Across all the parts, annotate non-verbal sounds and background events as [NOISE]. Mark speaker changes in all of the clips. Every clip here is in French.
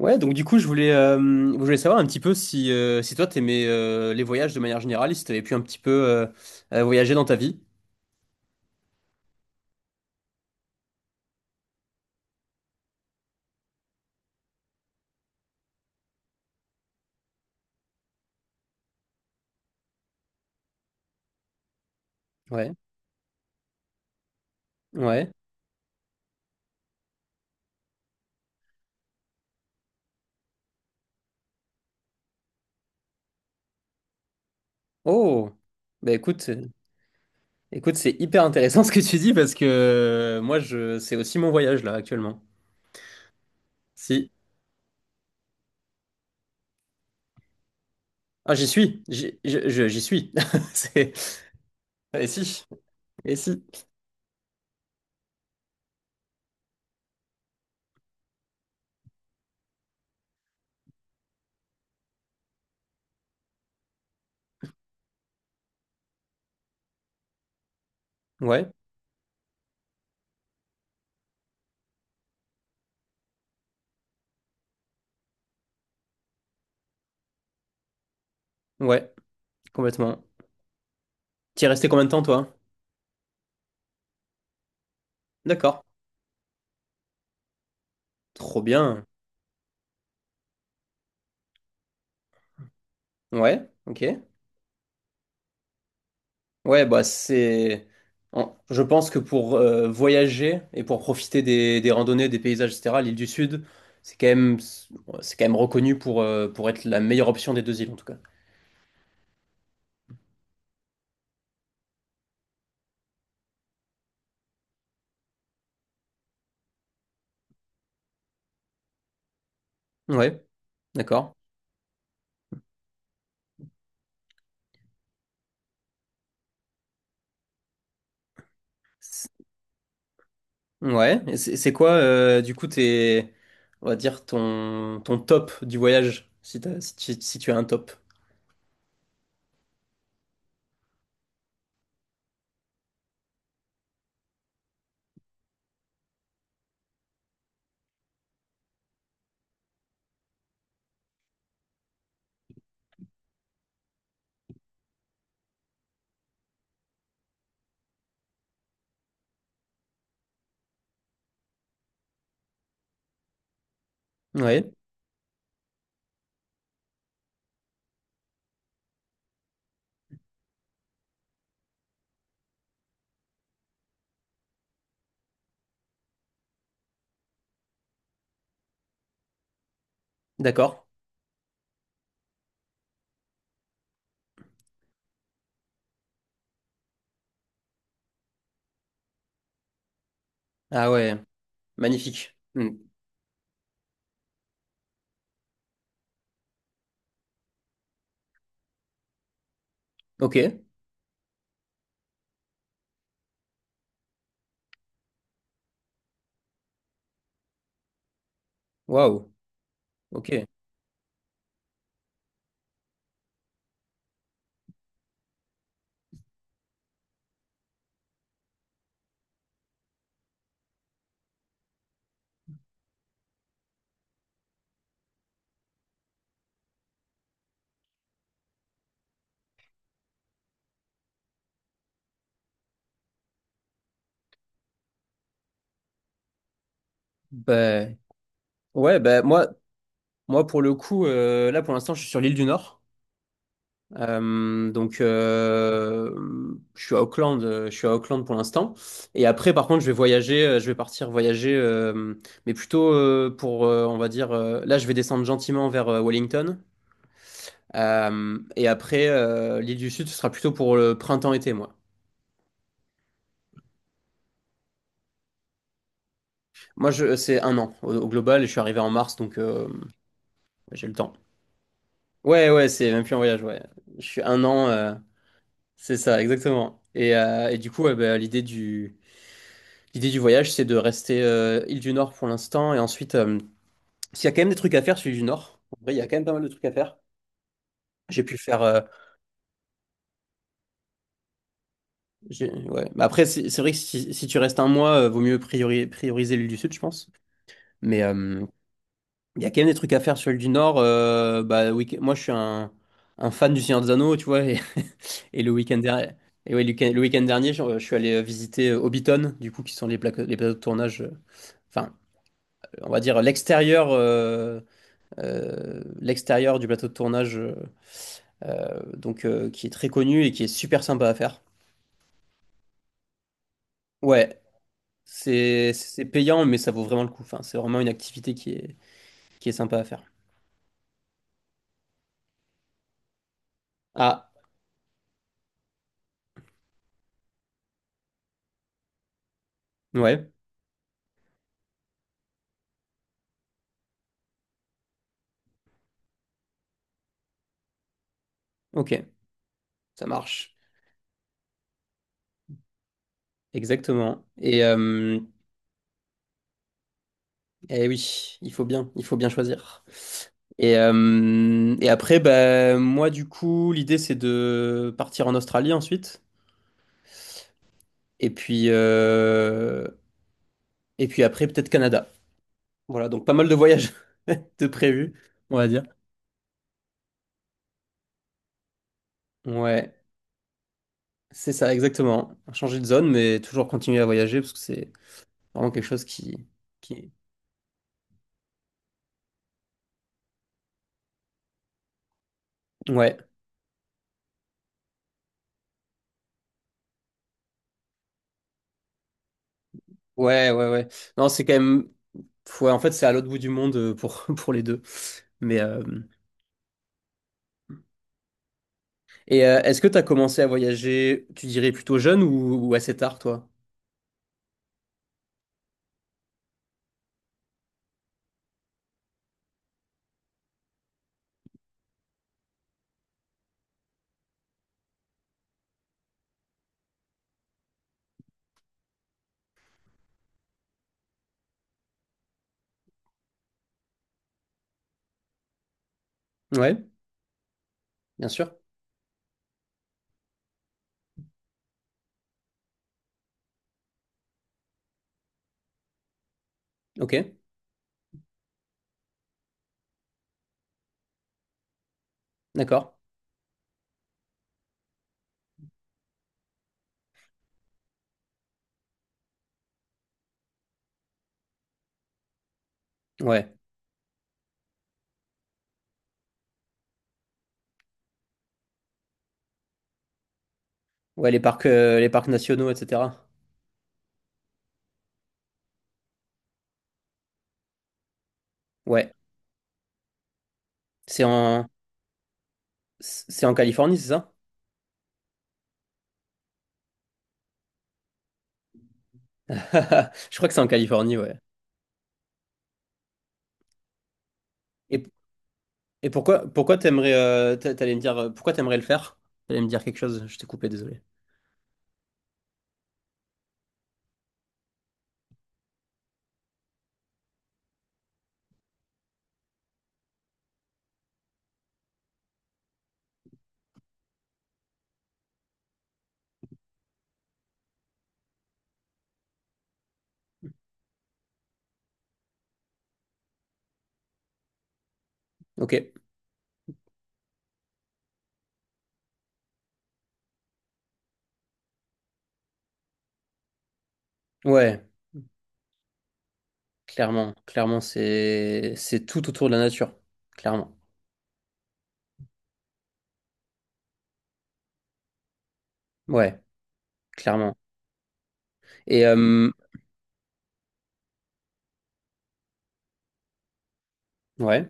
Speaker 1: Ouais, donc du coup, je voulais savoir un petit peu si, si toi, t'aimais les voyages de manière générale, et si t'avais pu un petit peu voyager dans ta vie. Ouais, ouais. Oh, bah écoute, écoute, c'est hyper intéressant [LAUGHS] ce que tu dis parce que moi, je, c'est aussi mon voyage là actuellement. Si. Ah, j'y suis, j'y suis. [LAUGHS] C'est... Et si, et si. Ouais, ouais, complètement. T'y es resté combien de temps, toi? D'accord. Trop bien. Ouais, ok. Ouais, bah c'est. Je pense que pour voyager et pour profiter des randonnées, des paysages, etc., l'île du Sud, c'est quand même, c'est quand même reconnu pour être la meilleure option des deux îles, en tout cas. Ouais, d'accord. C'est- Ouais, et c'est quoi, du coup, tes, on va dire, ton, ton top du voyage, si t'as- si tu, si tu as un top. Ouais, d'accord. Ah ouais, magnifique. Hmm. Ok, waouh, ok. Bah, ouais, bah moi. Moi, pour le coup, là, pour l'instant, je suis sur l'île du Nord. Euh, donc, euh, je suis à Auckland, je suis à Auckland pour l'instant. Et après, par contre, je vais voyager, je vais partir voyager, mais plutôt pour, on va dire, là, je vais descendre gentiment vers Wellington. Et après, l'île du Sud, ce sera plutôt pour le printemps-été, moi. Moi, je, c'est un an au, au global, et je suis arrivé en mars, donc j'ai le temps. Ouais, ouais, c'est même plus un voyage, ouais. Je suis un an. C'est ça, exactement. Et du coup, ouais, bah, l'idée du voyage, c'est de rester île du Nord pour l'instant. Et ensuite, s'il y a quand même des trucs à faire sur l'île du Nord, en vrai, il y a quand même pas mal de trucs à faire. J'ai pu faire. Ouais. Mais après, c'est vrai que si, si tu restes un mois, vaut mieux prioriser l'île du Sud, je pense. Mais il y a quand même des trucs à faire sur l'île du Nord. Moi, je suis un fan du Seigneur des Anneaux, tu vois. Et le week-end dernier, et ouais, le week-end dernier, je suis allé visiter Hobbiton, du coup, qui sont les plateaux de tournage. Enfin, on va dire l'extérieur l'extérieur du plateau de tournage donc qui est très connu et qui est super sympa à faire. Ouais, c'est payant mais ça vaut vraiment le coup. Enfin, c'est vraiment une activité qui est sympa à faire. Ah, ouais. OK, ça marche. Exactement. Et eh oui, il faut bien choisir. Et après, bah, moi, du coup, l'idée, c'est de partir en Australie ensuite. Et puis, euh, et puis après, peut-être Canada. Voilà, donc pas mal de voyages [LAUGHS] de prévus, on va dire. Ouais, c'est ça, exactement. Changer de zone, mais toujours continuer à voyager parce que c'est vraiment quelque chose qui... Ouais, ouais, ouais, ouais. Non, c'est quand même... Ouais, en fait, c'est à l'autre bout du monde pour, [LAUGHS] pour les deux. Mais, Et est-ce que tu as commencé à voyager, tu dirais plutôt jeune ou assez tard, toi? Ouais, bien sûr. Ok, d'accord. Ouais. Ouais, les parcs nationaux, etc. Ouais. C'est en, c'est en Californie, c'est ça? [LAUGHS] Je crois que c'est en Californie, ouais. Et, et pourquoi, pourquoi t'aimerais, t'allais me dire, pourquoi t'aimerais le faire? T'allais me dire quelque chose, je t'ai coupé, désolé. Ok, ouais, clairement, clairement, c'est tout autour de la nature, clairement. Ouais, clairement. Et, ouais.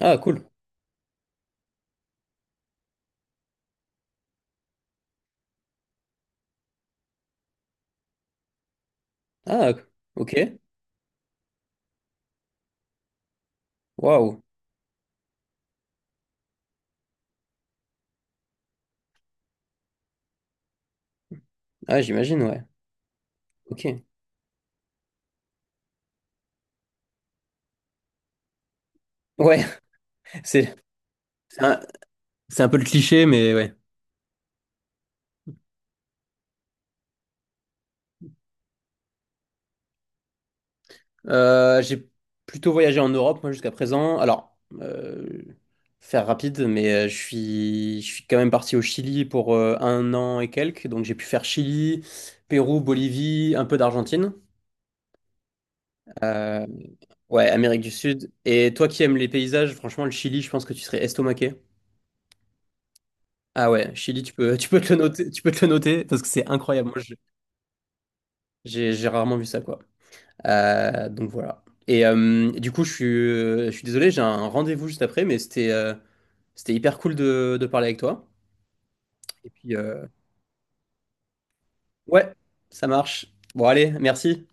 Speaker 1: Ah, cool. Ah, ok. Waouh. Ah, j'imagine, ouais. Ok. Ouais, [LAUGHS] c'est c'est un, c'est un peu le cliché, mais ouais. J'ai plutôt voyagé en Europe, moi, jusqu'à présent. Alors, faire rapide, mais je suis quand même parti au Chili pour un an et quelques. Donc, j'ai pu faire Chili, Pérou, Bolivie, un peu d'Argentine. Euh, ouais, Amérique du Sud. Et toi qui aimes les paysages, franchement, le Chili, je pense que tu serais estomaqué. Ah ouais, Chili, tu peux, [LAUGHS] tu peux te le noter, tu peux te le noter parce que c'est incroyable. Moi, j'ai rarement vu ça, quoi. Donc voilà. Et du coup, je suis désolé, j'ai un rendez-vous juste après, mais c'était c'était hyper cool de parler avec toi. Et puis, ouais, ça marche. Bon, allez, merci.